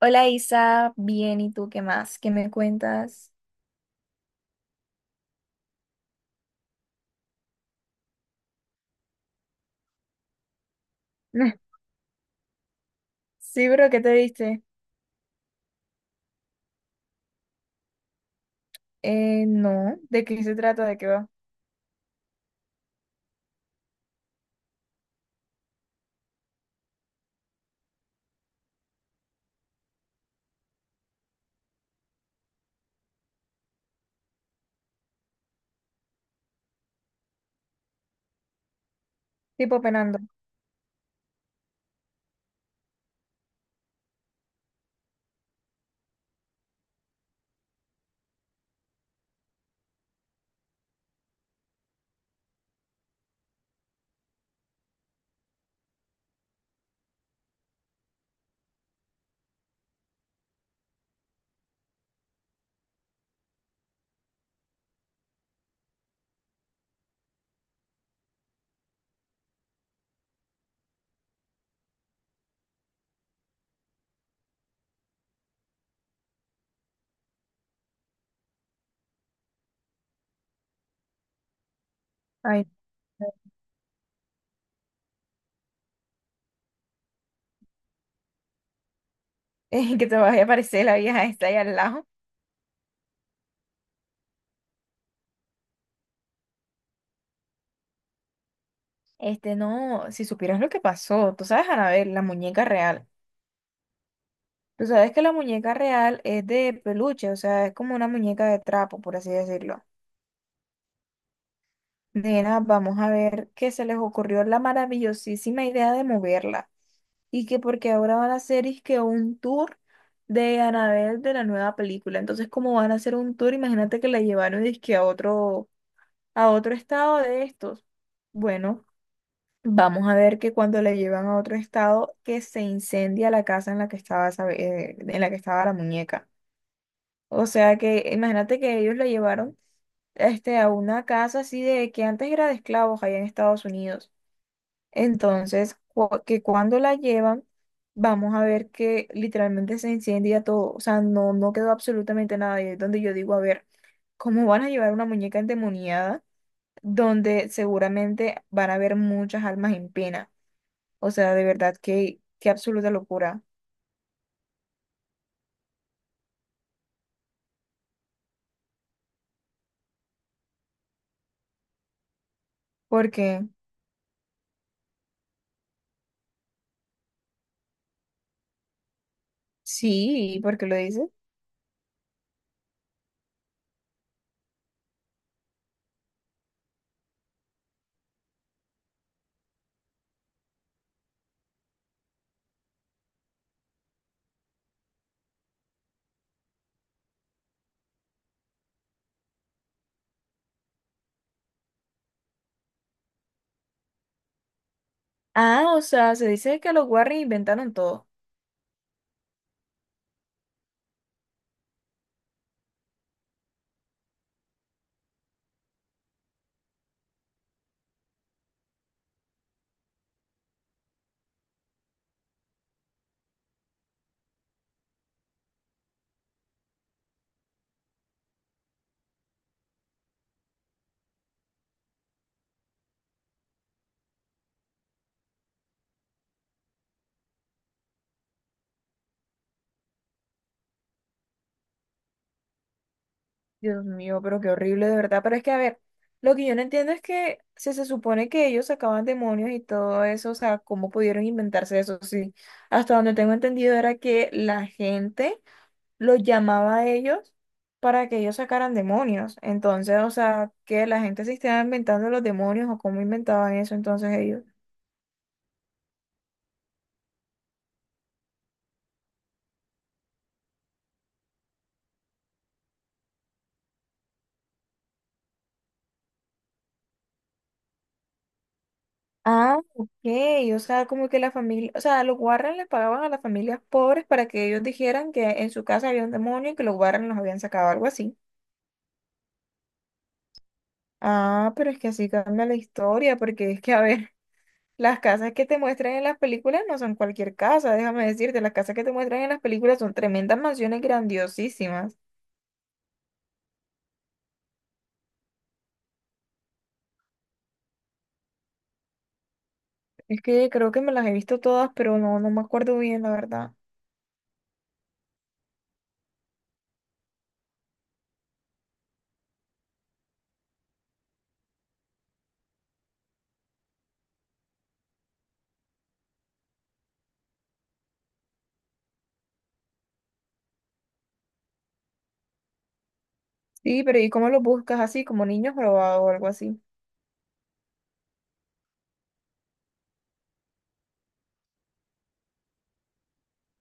Hola Isa, bien, ¿y tú qué más? ¿Qué me cuentas? Sí, pero ¿qué te diste? No, ¿de qué se trata? ¿De qué va? Tipo penando. Ay, que te vaya a aparecer la vieja esta ahí al lado. No, si supieras lo que pasó, tú sabes, Anabel, la muñeca real. Tú sabes que la muñeca real es de peluche, o sea, es como una muñeca de trapo, por así decirlo. Nena, vamos a ver que se les ocurrió la maravillosísima idea de moverla y que porque ahora van a hacer es que un tour de Anabel de la nueva película. Entonces, como van a hacer un tour, imagínate que la llevaron dizque a otro estado de estos. Bueno, vamos a ver que cuando la llevan a otro estado, que se incendia la casa en la que estaba, en la que estaba la muñeca. O sea que imagínate que ellos lo llevaron a una casa así de que antes era de esclavos allá en Estados Unidos. Entonces, que cuando la llevan, vamos a ver que literalmente se incendia todo. O sea, no quedó absolutamente nada. Y es donde yo digo, a ver, ¿cómo van a llevar una muñeca endemoniada donde seguramente van a haber muchas almas en pena? O sea, de verdad, qué absoluta locura. Porque, sí, ¿por qué lo dices? Ah, o sea, se dice que los Warren inventaron todo. Dios mío, pero qué horrible de verdad. Pero es que, a ver, lo que yo no entiendo es que si se supone que ellos sacaban demonios y todo eso, o sea, ¿cómo pudieron inventarse eso? Sí, hasta donde tengo entendido era que la gente los llamaba a ellos para que ellos sacaran demonios. Entonces, o sea, que la gente se estaba inventando los demonios o cómo inventaban eso entonces ellos. Ah, ok, o sea, como que la familia, o sea, los Warren le pagaban a las familias pobres para que ellos dijeran que en su casa había un demonio y que los Warren los habían sacado, algo así. Ah, pero es que así cambia la historia, porque es que, a ver, las casas que te muestran en las películas no son cualquier casa, déjame decirte, las casas que te muestran en las películas son tremendas mansiones grandiosísimas. Es que creo que me las he visto todas, pero no, no me acuerdo bien, la verdad. Sí, pero ¿y cómo los buscas así, como niños robados o algo así?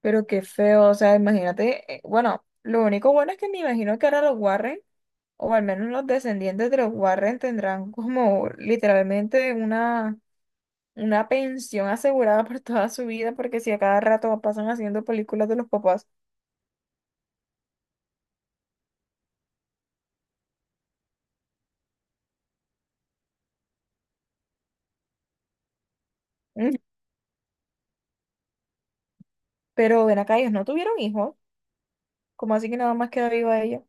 Pero qué feo, o sea, imagínate, bueno, lo único bueno es que me imagino que ahora los Warren, o al menos los descendientes de los Warren, tendrán como literalmente una pensión asegurada por toda su vida, porque si a cada rato pasan haciendo películas de los papás. Mm. Pero ven acá, ellos no tuvieron hijos, como así que nada más queda viva ella?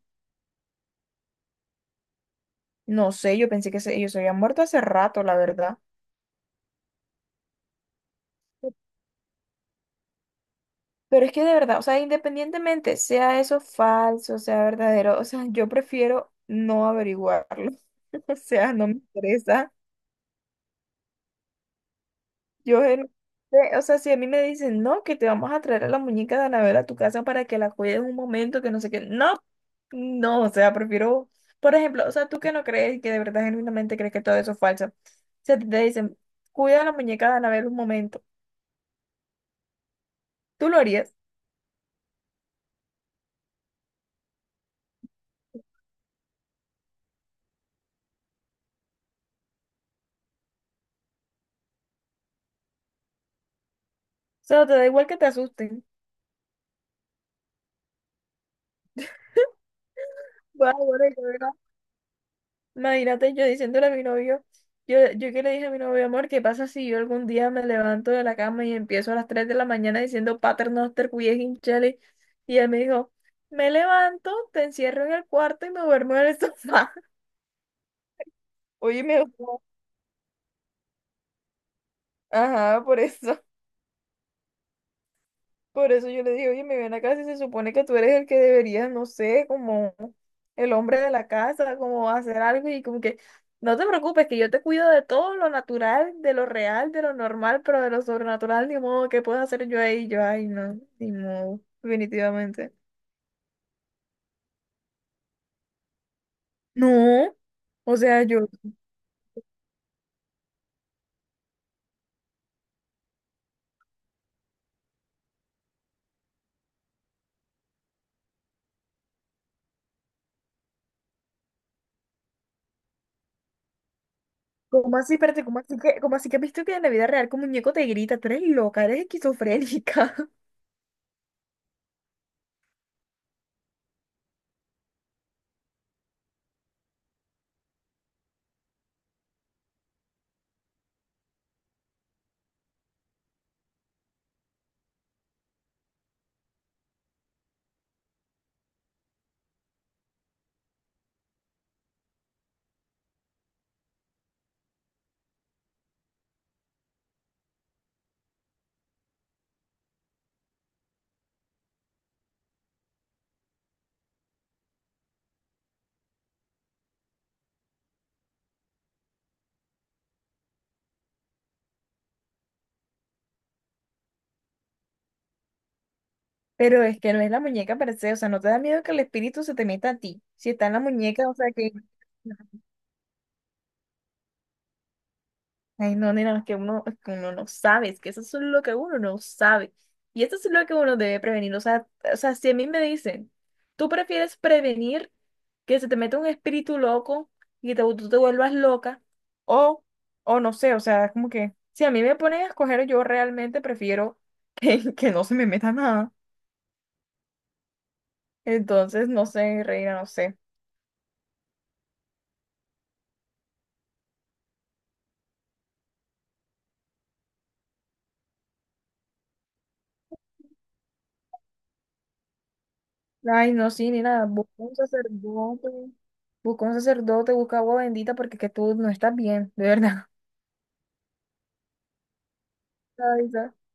No sé, yo pensé que ellos se habían muerto hace rato, la verdad. Pero es que de verdad, o sea, independientemente sea eso falso, sea verdadero, o sea, yo prefiero no averiguarlo. O sea, no me interesa. Yo, en- o sea, si a mí me dicen, no, que te vamos a traer a la muñeca de Anabel a tu casa para que la cuides un momento, que no sé qué, no, no, o sea, prefiero, por ejemplo, o sea, tú que no crees y que de verdad genuinamente crees que todo eso es falso, o sea, te dicen, cuida a la muñeca de Anabel un momento, ¿tú lo harías? O sea, te da igual que te asusten. Bueno, bueno, imagínate yo diciéndole a mi novio, yo que le dije a mi novio, amor, ¿qué pasa si yo algún día me levanto de la cama y empiezo a las 3 de la mañana diciendo Paternoster, cuye hinchale? Y él me dijo, me levanto, te encierro en el cuarto y me duermo en el sofá. Oye, me... Ajá, por eso. Por eso yo le digo, oye, me ven acá si se supone que tú eres el que deberías no sé, como el hombre de la casa, como hacer algo y como que, no te preocupes, que yo te cuido de todo lo natural, de lo real, de lo normal, pero de lo sobrenatural, ni modo, ¿qué puedo hacer yo ahí? Yo, ay, no, ni modo, definitivamente. No, o sea, yo, ¿cómo así, espérate, cómo así que has visto que en la vida real que un muñeco te grita, tú eres loca, eres esquizofrénica? Pero es que no es la muñeca per se, o sea, no te da miedo que el espíritu se te meta a ti. Si está en la muñeca, o sea que, ay no, nena, es que uno no sabe, es que eso es lo que uno no sabe. Y eso es lo que uno debe prevenir. O sea, si a mí me dicen, tú prefieres prevenir que se te meta un espíritu loco y tú te vuelvas loca, o, o no sé, o sea, es como que, si a mí me ponen a escoger, yo realmente prefiero que no se me meta nada. Entonces, no sé, reina, no sé. Ay, no, sí, ni nada. Busca un sacerdote. Busca un sacerdote, busca agua bendita porque que tú no estás bien, de verdad. Ay, no.